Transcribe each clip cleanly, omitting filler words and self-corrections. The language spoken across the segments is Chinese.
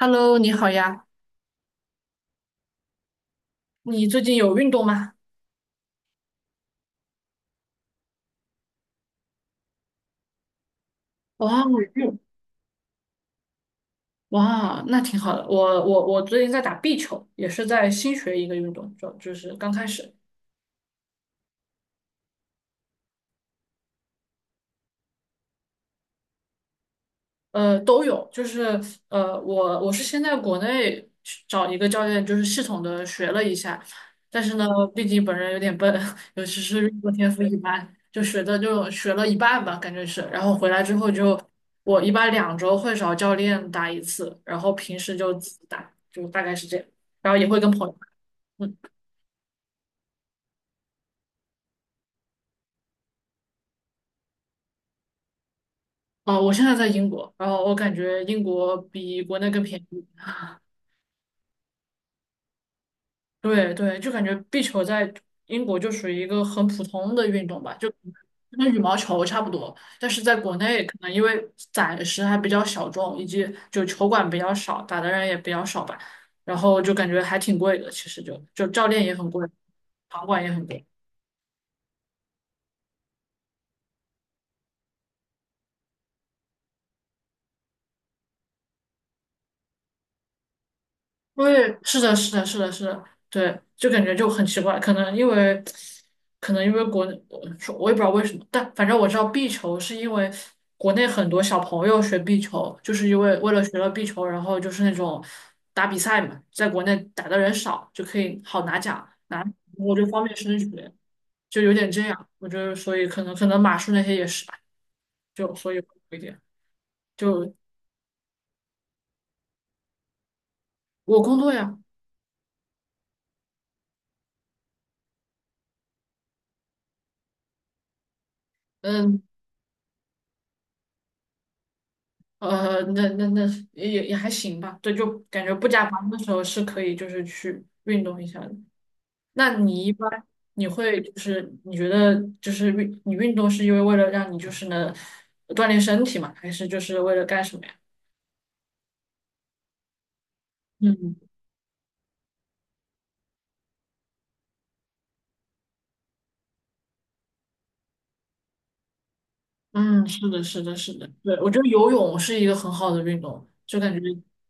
Hello，你好呀，你最近有运动吗？哇，哇，那挺好的。我最近在打壁球，也是在新学一个运动，就是刚开始。都有，就是我是先在国内去找一个教练，就是系统的学了一下，但是呢，毕竟本人有点笨，尤其是运动天赋一般，就学了一半吧，感觉是，然后回来之后就我一般2周会找教练打一次，然后平时就自己打，就大概是这样，然后也会跟朋友打，嗯，哦，我现在在英国，然后我感觉英国比国内更便宜。对对，就感觉壁球在英国就属于一个很普通的运动吧，就跟羽毛球差不多。但是在国内，可能因为暂时还比较小众，以及就球馆比较少，打的人也比较少吧，然后就感觉还挺贵的。其实就教练也很贵，场馆也很贵。对，是的，是的，是的，是的，对，就感觉就很奇怪，可能因为国内，说我也不知道为什么，但反正我知道壁球是因为国内很多小朋友学壁球，就是为了学了壁球，然后就是那种打比赛嘛，在国内打的人少，就可以好拿奖，我就方便升学，就有点这样，我觉得所以可能马术那些也是吧，就所以会有一点，就我工作呀，嗯。那也还行吧，对，就感觉不加班的时候是可以，就是去运动一下的。那你一般你会就是你觉得就是你运动是因为为了让你就是能锻炼身体嘛，还是就是为了干什么呀？嗯嗯，是的，是的，是的，对，我觉得游泳是一个很好的运动，就感觉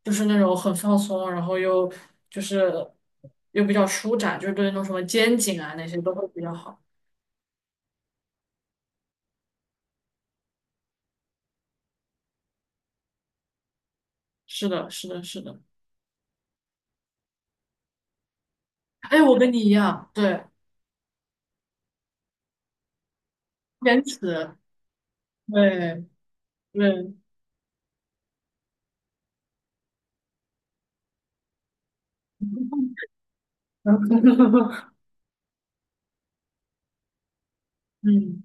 就是那种很放松，然后又就是又比较舒展，就是对那种什么肩颈啊那些都会比较好。是的，是的，是的。哎，我跟你一样，对，坚持，对对，嗯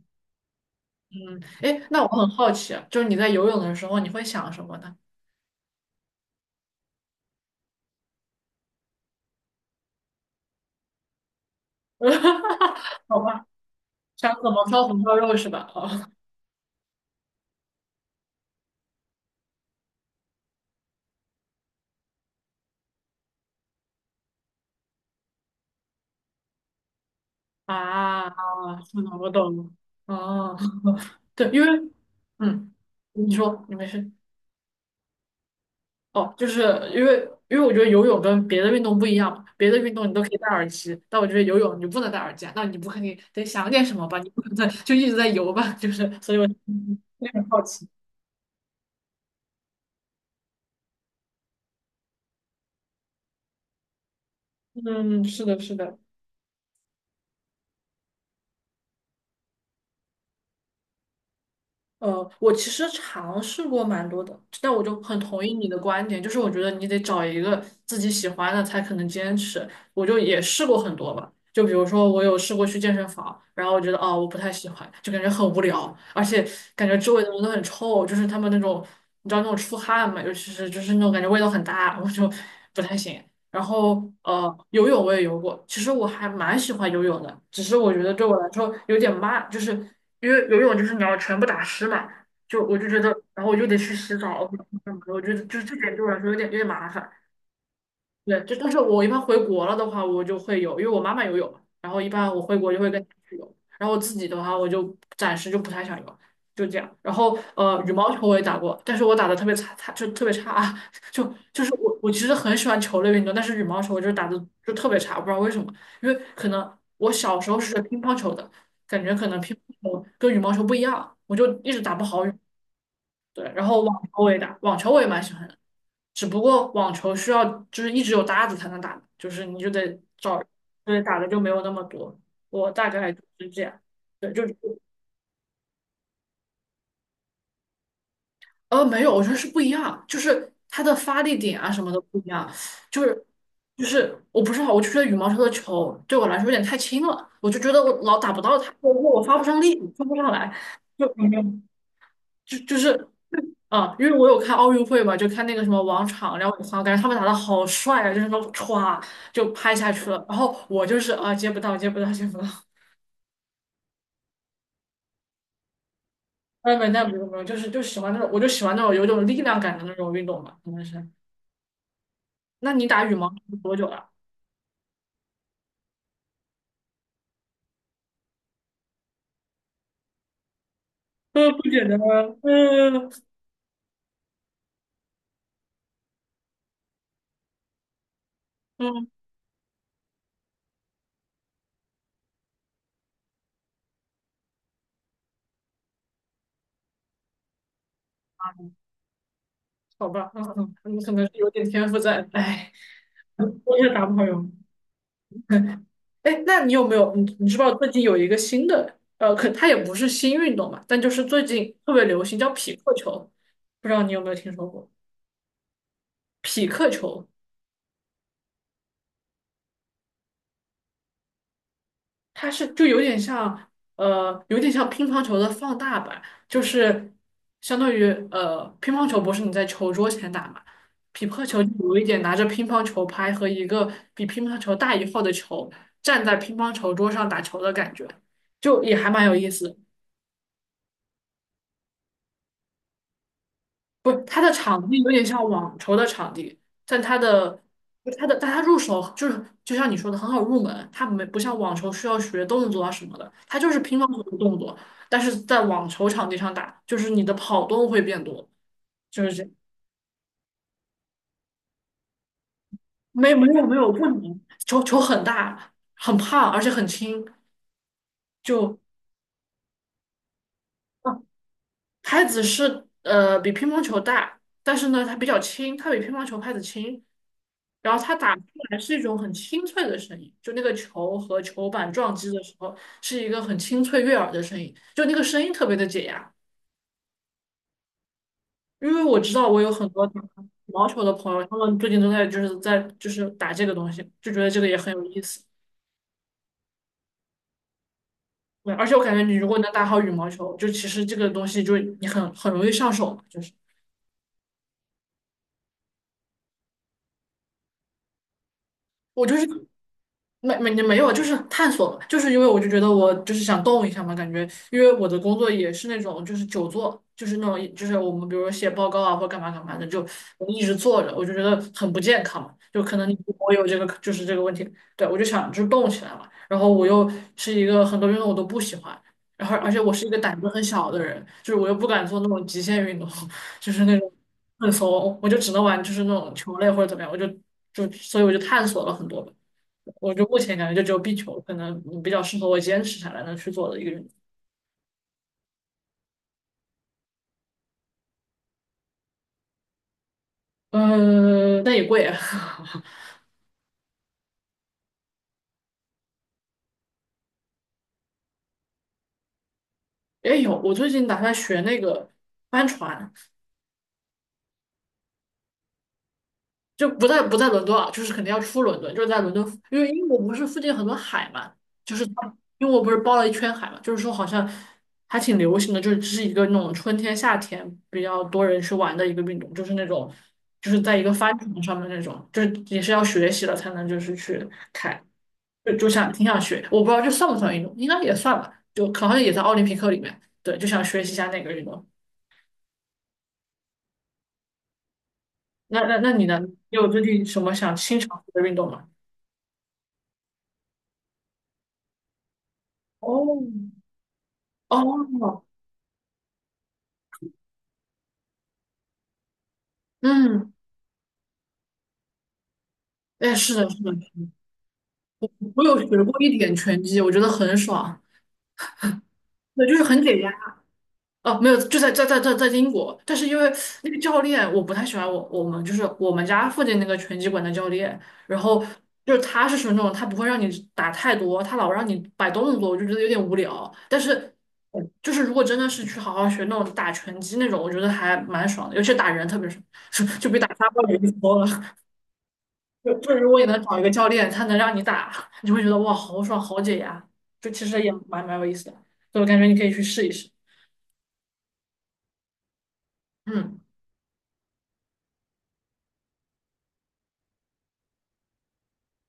嗯，哎，那我很好奇啊，就是你在游泳的时候，你会想什么呢？好吧，想怎么烧红烧肉是吧？哦啊，是的，我懂了。哦，对，因为，嗯，你说，你没事。哦，就是因为我觉得游泳跟别的运动不一样嘛别的运动你都可以戴耳机，但我觉得游泳你不能戴耳机啊，那你不肯定得想点什么吧？你不可能在就一直在游吧？就是，所以我 有点好奇。嗯，是的，是的，我其实尝试过蛮多的，但我就很同意你的观点，就是我觉得你得找一个自己喜欢的才可能坚持。我就也试过很多吧，就比如说我有试过去健身房，然后我觉得哦我不太喜欢，就感觉很无聊，而且感觉周围的人都很臭，就是他们那种你知道那种出汗嘛，尤其是就是那种感觉味道很大，我就不太行。然后游泳我也游过，其实我还蛮喜欢游泳的，只是我觉得对我来说有点慢，就是因为游泳就是你要全部打湿嘛，就我就觉得，然后我就得去洗澡，我就我觉得就是这点对我来说有点麻烦。对，就但是我一般回国了的话，我就会有，因为我妈妈有嘛然后一般我回国就会跟她去有，然后我自己的话，我就暂时就不太想有，就这样。然后羽毛球我也打过，但是我打的特别差，就特别差啊，就就是我其实很喜欢球类运动，但是羽毛球我就是打的就特别差，不知道为什么，因为可能我小时候是学乒乓球的，感觉可能乒乓球跟羽毛球不一样，我就一直打不好羽。对，然后网球我也打，网球我也蛮喜欢的。只不过网球需要就是一直有搭子才能打，就是你就得找，对，打的就没有那么多。我大概就是这样，对，就是没有，我觉得是不一样，就是它的发力点啊什么的不一样，就是我不知道，我就觉得羽毛球的球对我来说有点太轻了，我就觉得我老打不到它，我发不上力，发不上来，就没有。就就是啊，因为我有看奥运会嘛，就看那个什么王昶、廖永康，感觉他们打的好帅啊，就是那种歘就拍下去了。然后我就是啊，接不到，接不到，接不到。哎，没有没有，就是就喜欢那种，我就喜欢那种有种力量感的那种运动嘛，可能是。那你打羽毛球多久了？嗯，不简单啊，嗯嗯，好吧，嗯嗯，你可能是有点天赋在，哎，我也打不好哟。毛哎，那你有没有你知不知道最近有一个新的可它也不是新运动嘛，但就是最近特别流行叫匹克球，不知道你有没有听说过？匹克球它是就有点像有点像乒乓球的放大版，就是相当于乒乓球不是你在球桌前打嘛，匹克球就有一点拿着乒乓球拍和一个比乒乓球大一号的球站在乒乓球桌上打球的感觉，就也还蛮有意思不，它的场地有点像网球的场地，但它的就它的但它入手就是就像你说的很好入门，它没不像网球需要学动作啊什么的，它就是乒乓球的动作，但是在网球场地上打，就是你的跑动会变多，就是这样。没有没有不能，球球很大，很胖，而且很轻，就。拍子是比乒乓球大，但是呢它比较轻，它比乒乓球拍子轻，然后它打出来是一种很清脆的声音，就那个球和球板撞击的时候是一个很清脆悦耳的声音，就那个声音特别的解压。因为我知道我有很多打羽毛球的朋友，他们最近都在就是在就是打这个东西，就觉得这个也很有意思。对，而且我感觉你如果能打好羽毛球，就其实这个东西就你很容易上手嘛，就是我就是。没有，就是探索嘛，就是因为我就觉得我就是想动一下嘛，感觉因为我的工作也是那种就是久坐，就是那种就是我们比如说写报告啊或干嘛干嘛的，就我们一直坐着，我就觉得很不健康嘛，就可能你我有这个就是这个问题，对我就想就是动起来嘛，然后我又是一个很多运动我都不喜欢，然后而且我是一个胆子很小的人，就是我又不敢做那种极限运动，就是那种很怂，我就只能玩就是那种球类或者怎么样，我就就所以我就探索了很多吧我就目前感觉就只有壁球可能比较适合我坚持下来能去做的一个运动。但也贵啊。也有，我最近打算学那个帆船，就不在伦敦啊，就是肯定要出伦敦，就是在伦敦，因为英国不是附近很多海嘛，就是它英国不是包了一圈海嘛，就是说好像还挺流行的，就是这是一个那种春天夏天比较多人去玩的一个运动，就是那种就是在一个帆船上面那种，就是也是要学习了才能就是去开。就就想挺想学，我不知道这算不算运动，应该也算吧，就好像也在奥林匹克里面。对，就想学习一下那个运动。那你呢？你有最近什么想新尝试的运动吗？哦哦，嗯，哎，是的，是的，我有学过一点拳击，我觉得很爽，对，就是很解压。哦，没有，就在英国，但是因为那个教练我不太喜欢我们家附近那个拳击馆的教练，然后就是他是属于那种他不会让你打太多，他老让你摆动作，我就觉得有点无聊。但是就是如果真的是去好好学那种打拳击那种，我觉得还蛮爽的，尤其打人特别爽，就比打沙包有意思多了。就如果你能找一个教练，他能让你打，你就会觉得哇好爽好解压，就其实也蛮有意思的，所以我感觉你可以去试一试。嗯。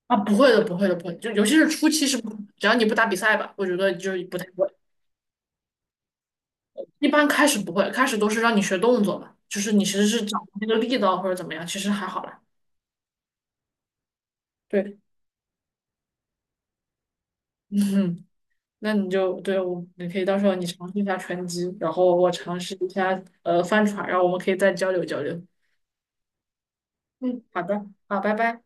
啊，不会的，不会的，不会的就尤其是初期是不，只要你不打比赛吧，我觉得就是不太会。一般开始不会，开始都是让你学动作嘛，就是你其实是掌握那个力道或者怎么样，其实还好啦。对，嗯，那你就对我，你可以到时候你尝试一下拳击，然后我尝试一下翻船，然后我们可以再交流交流。嗯，好的，好，拜拜。